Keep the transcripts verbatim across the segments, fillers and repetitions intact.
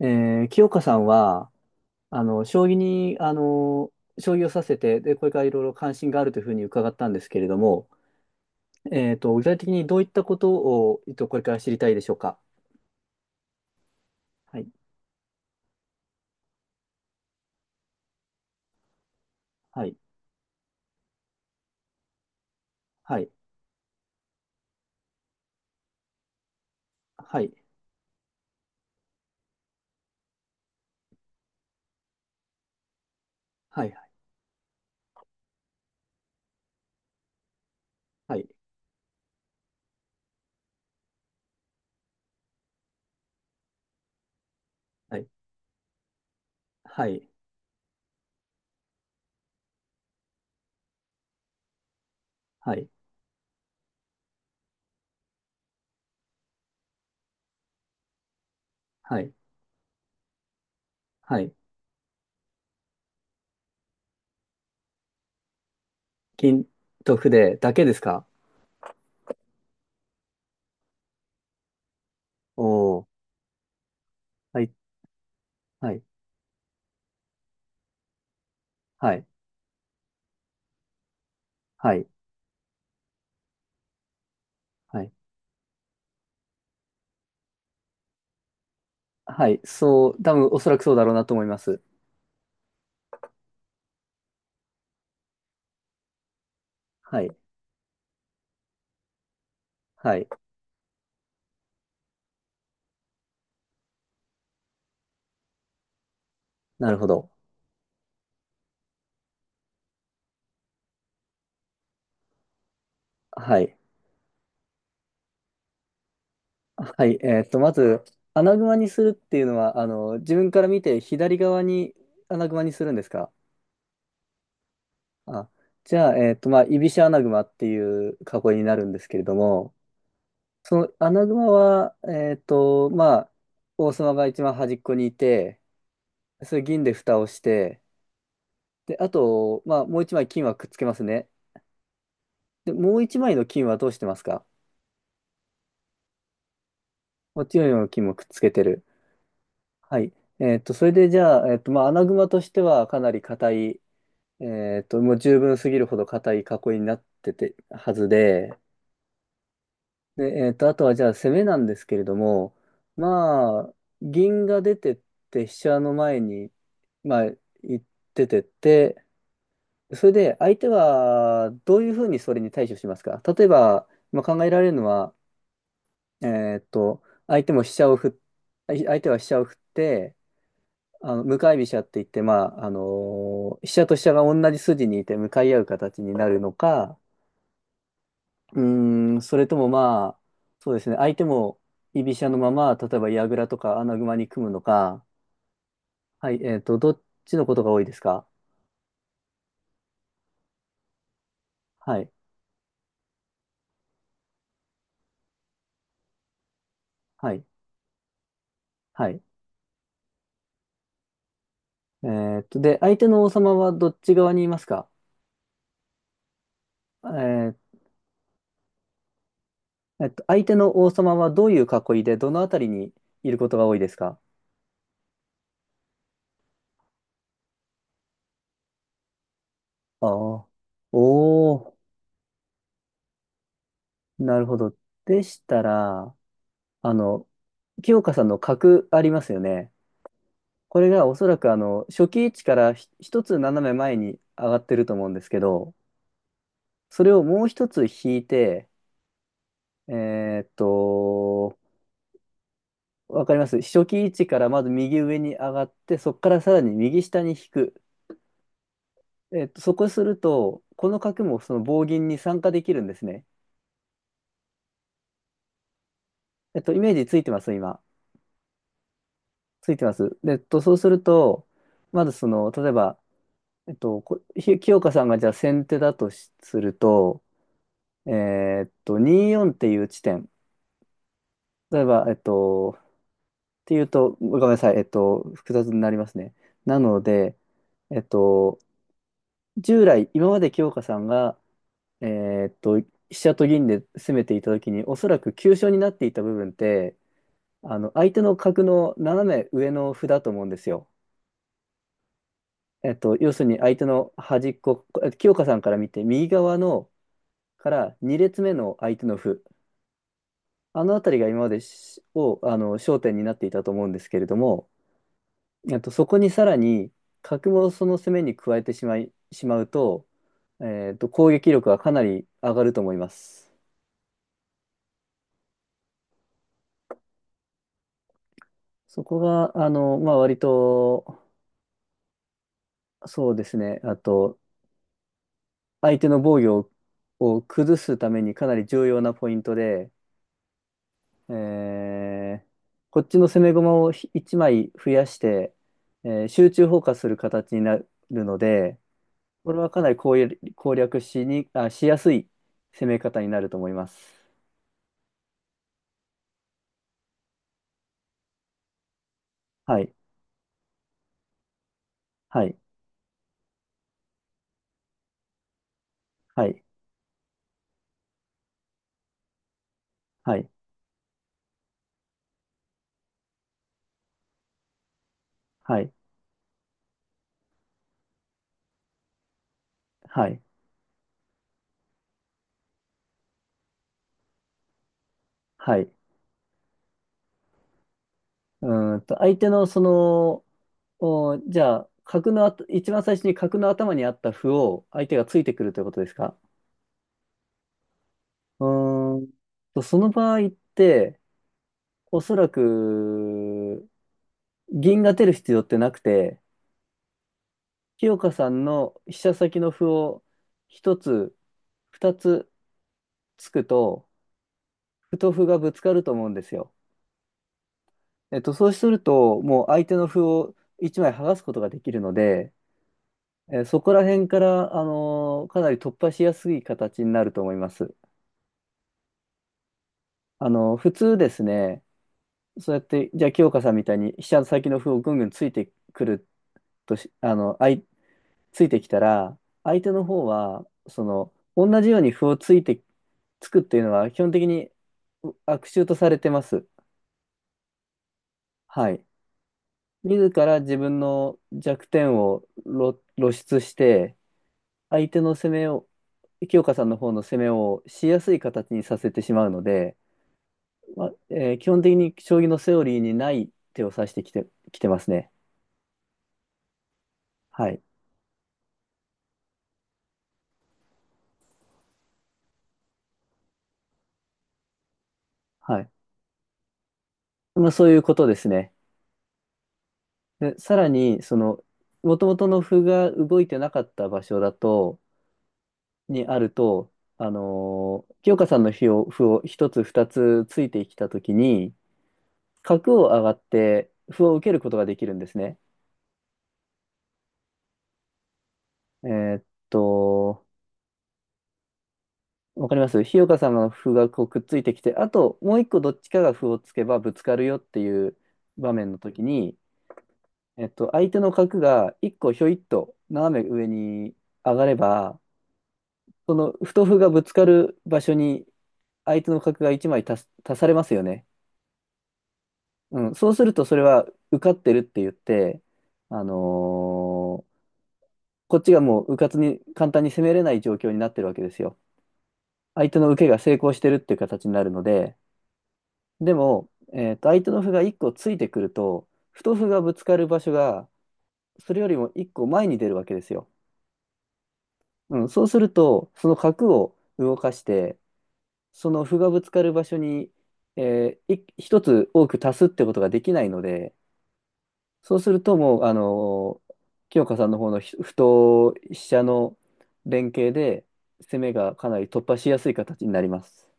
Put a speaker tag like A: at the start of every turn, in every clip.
A: えー、清香さんは、あの、将棋に、あの、将棋をさせて、で、これからいろいろ関心があるというふうに伺ったんですけれども、えっと、具体的にどういったことを、えっと、これから知りたいでしょうか。はい。はい。はい。はい。はい。はい。はい。はい。はい。はい。はい。金と筆だけですか？おー。はい。はい。はい。はい。はい。はい。そう、多分おそらくそうだろうなと思います。はい。はい。なるほど。はい。はい、えーっと、まず、穴熊にするっていうのは、あの、自分から見て左側に穴熊にするんですか？あ、じゃあ、えーっと、まあ、居飛車穴熊っていう囲いになるんですけれども、その穴熊は、えーっと、まあ、王様が一番端っこにいて、それ銀で蓋をして、で、あと、まあ、もう一枚金はくっつけますね。で、もう一枚の金はどうしてますか？こっちの金もくっつけてる。はい。えーっと、それでじゃあ、えーっと、まあ、穴熊としてはかなり硬いえっと、もう十分すぎるほど硬い囲いになっててはずで、で、えっと、あとはじゃあ攻めなんですけれども、まあ、銀が出てって飛車の前に、まあ、行っててって、それで相手はどういうふうにそれに対処しますか？例えば、まあ、考えられるのは、えっと、相手も飛車を振っ、相手は飛車を振って、あの向かい飛車って言って、まあ、あの飛車と飛車が同じ筋にいて向かい合う形になるのか、うーん、それともまあ、そうですね、相手も居飛車のまま、例えば矢倉とか穴熊に組むのか、はい、えっと、どっちのことが多いですか？はい。はい。はい。えっと、で、相手の王様はどっち側にいますか？えーえっと、相手の王様はどういう囲いで、どのあたりにいることが多いですか？ああー。おー、なるほど。でしたら、あの、清香さんの角ありますよね。これがおそらくあの初期位置からひ一つ斜め前に上がってると思うんですけど、それをもう一つ引いて、えーっと、わかります？初期位置からまず右上に上がって、そこからさらに右下に引く。えーっと、そこすると、この角もその棒銀に参加できるんですね。えっと、イメージついてます今？ついてます。で、えっと、そうすると、まずその、例えば、えっと、こひ清香さんがじゃあ先手だとしすると、えーっと、にじゅうよんっていう地点。例えば、えっと、っていうと、ごめんなさい、えっと、複雑になりますね。なので、えっと、従来、今まで清香さんが、えーっと、飛車と銀で攻めていたときに、おそらく急所になっていた部分って、あの、相手の角の斜め上の歩だと思うんですよ。えっと、要するに相手の端っこ、え清香さんから見て、右側のからに列目の相手の歩、あの辺りが今までしを、あの、焦点になっていたと思うんですけれども、えっと、そこにさらに角もその攻めに加えてしまい、しまうと、えっと、攻撃力がかなり上がると思います。そこが、あの、まあ、割と、そうですね、あと、相手の防御をを崩すためにかなり重要なポイントで、えーこっちの攻め駒をいちまい増やして、えー集中砲火する形になるので、これはかなり攻略攻略しに、あ、しやすい攻め方になると思います。はい。はい。はい。はい。はい。はい。はい。うーんと、相手のその、おじゃあ、角のあと、一番最初に角の頭にあった歩を相手がついてくるということですか？うーんと、その場合って、おそらく、銀が出る必要ってなくて、清香さんの飛車先の歩を一つ、二つつくと、歩と歩がぶつかると思うんですよ。えっと、そうすると、もう相手の歩を一枚剥がすことができるので、えーそこら辺から、あのーかなり突破しやすい形になると思います。あのー普通ですね、そうやって、じゃあ、清香さんみたいに飛車先の歩をぐんぐんついてくるとし、あの、あい、ついてきたら、相手の方は、その、同じように歩をついて、つくっていうのは、基本的にう悪手とされてます。はい。自ら自分の弱点を露露出して、相手の攻めを、清香さんの方の攻めをしやすい形にさせてしまうので、まあ、えー基本的に将棋のセオリーにない手を指してきて、きてますね。はい。はい。まあ、そういうことですね。で、さらに、その、もともとの歩が動いてなかった場所だと、にあると、あのー清香さんの歩を、歩を一つ二つついてきたときに、角を上がって歩を受けることができるんですね。えーっと、わかります？日岡さんの歩がこうくっついてきて、あともう一個どっちかが歩をつけばぶつかるよっていう場面の時に、えっと、相手の角が一個ひょいっと斜め上に上がれば、その歩と歩がぶつかる場所に相手の角が一枚足す、足されますよね。うん、そうするとそれは受かってるって言って、あのーこっちがもう迂闊に簡単に攻めれない状況になってるわけですよ。相手の受けが成功してるっていう形になるので、でも、えーと、相手の歩がいっこついてくると、太歩がぶつかる場所が、それよりもいっこまえに出るわけですよ。うん、そうすると、その角を動かして、その歩がぶつかる場所に、えー、いひとつ多く足すってことができないので、そうするともう、あのー清香さんの方のひ歩と飛車の連携で、攻めがかなり突破しやすい形になります。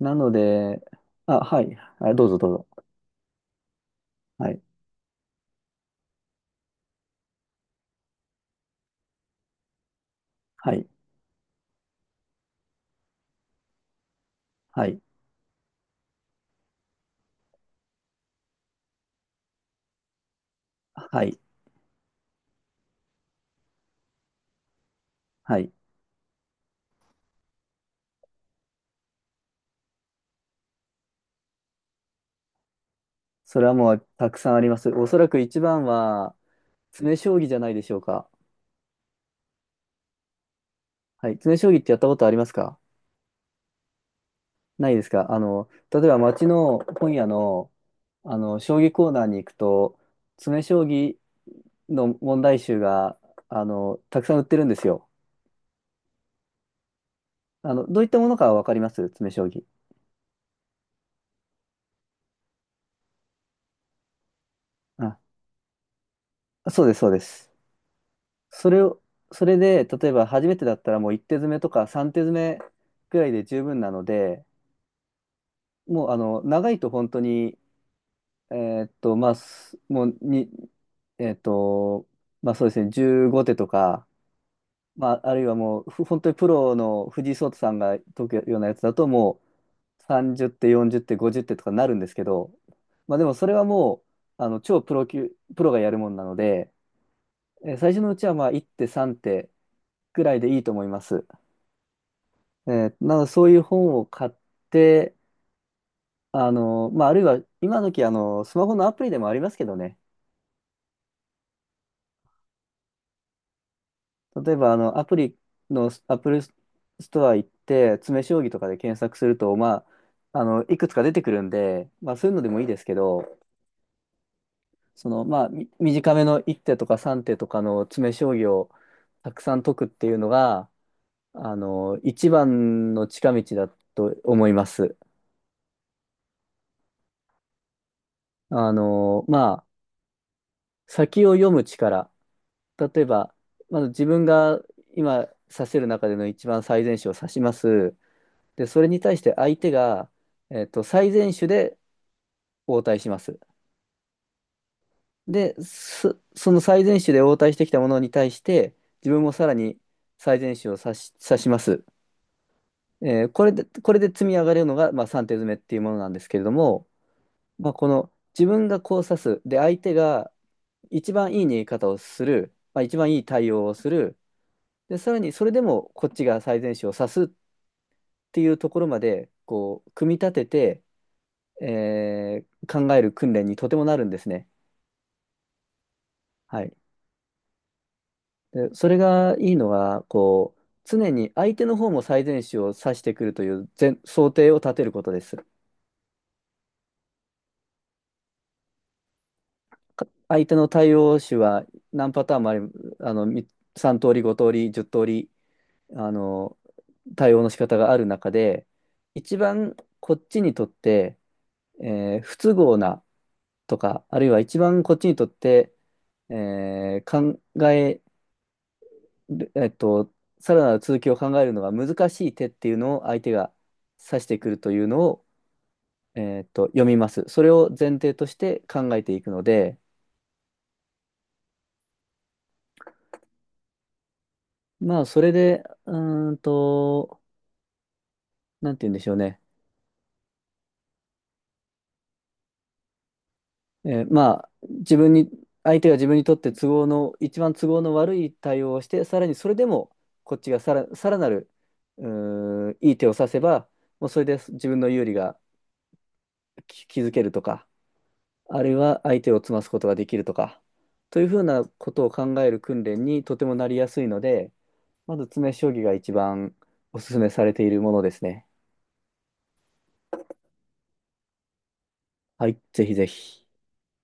A: なので、あ、はい、あ、どうぞどうぞ。はい。はい。はい。はい。はい。それはもうたくさんあります。おそらく一番は、詰将棋じゃないでしょうか。はい。詰将棋ってやったことありますか？ないですか？あの、例えば街の本屋の、あの、将棋コーナーに行くと、詰将棋の問題集が、あの、たくさん売ってるんですよ。あの、どういったものかわかります？詰将棋。あ、そうです、そうです。それを、それで、例えば初めてだったらもういっ手詰めとかさん手詰めくらいで十分なので、もうあの長いと本当にえーっと、まあ、すもうに、えーっと、まあそうですね、じゅうご手とか、まあ、あるいはもう、ふ本当にプロの藤井聡太さんが解くようなやつだと、もうさんじゅう手、よんじゅう手、ごじゅう手とかなるんですけど、まあでもそれはもう、あの、超プロ級、プロがやるもんなので、えー最初のうちはまあいっ手、さん手くらいでいいと思います。えーなので、そういう本を買って、あの、まあ、あるいは、今時、あの、スマホのアプリでもありますけどね、例えば、あの、アプリの、アップルストア行って、詰将棋とかで検索すると、まあ、あの、いくつか出てくるんで、まあ、そういうのでもいいですけど、その、まあ、み短めのいっ手とかさん手とかの詰将棋をたくさん解くっていうのが、あの、一番の近道だと思います。あの、まあ、先を読む力。例えば、まず自分が今指せる中での一番最善手を指します。で、それに対して相手が、えっと、最善手で応対します。で、そ、その最善手で応対してきたものに対して、自分もさらに最善手を指し、指します。えーこれで、これで積み上がれるのが、まあ、さん手詰めっていうものなんですけれども、まあ、この自分がこう指す。で、相手が一番いい逃げ方をする。まあ、一番いい対応をする。で、さらにそれでもこっちが最善手を指すっていうところまで、こう、組み立てて、えー考える訓練にとてもなるんですね。はい。で、それがいいのは、こう、常に相手の方も最善手を指してくるという前想定を立てることです。か相手の対応手は何パターンもあり、あの、みさん通り、ご通り、じゅう通り、あの、対応の仕方がある中で、一番こっちにとって、えー不都合なとか、あるいは一番こっちにとって、えー考えでえっと、さらなる続きを考えるのが難しい手っていうのを相手が指してくるというのを、えっと、読みます。それを前提として考えていくので、まあ、それで、うーんと、なんて言うんでしょうね。えーまあ、自分に、相手が自分にとって都合の、一番都合の悪い対応をして、さらにそれでも、こっちがさら、さらなる、うーんいい手を指せば、もうそれで自分の有利が気気づけるとか、あるいは相手を詰ますことができるとか、というふうなことを考える訓練にとてもなりやすいので、まず詰め将棋が一番おすすめされているものですね。はい、ぜひぜひ。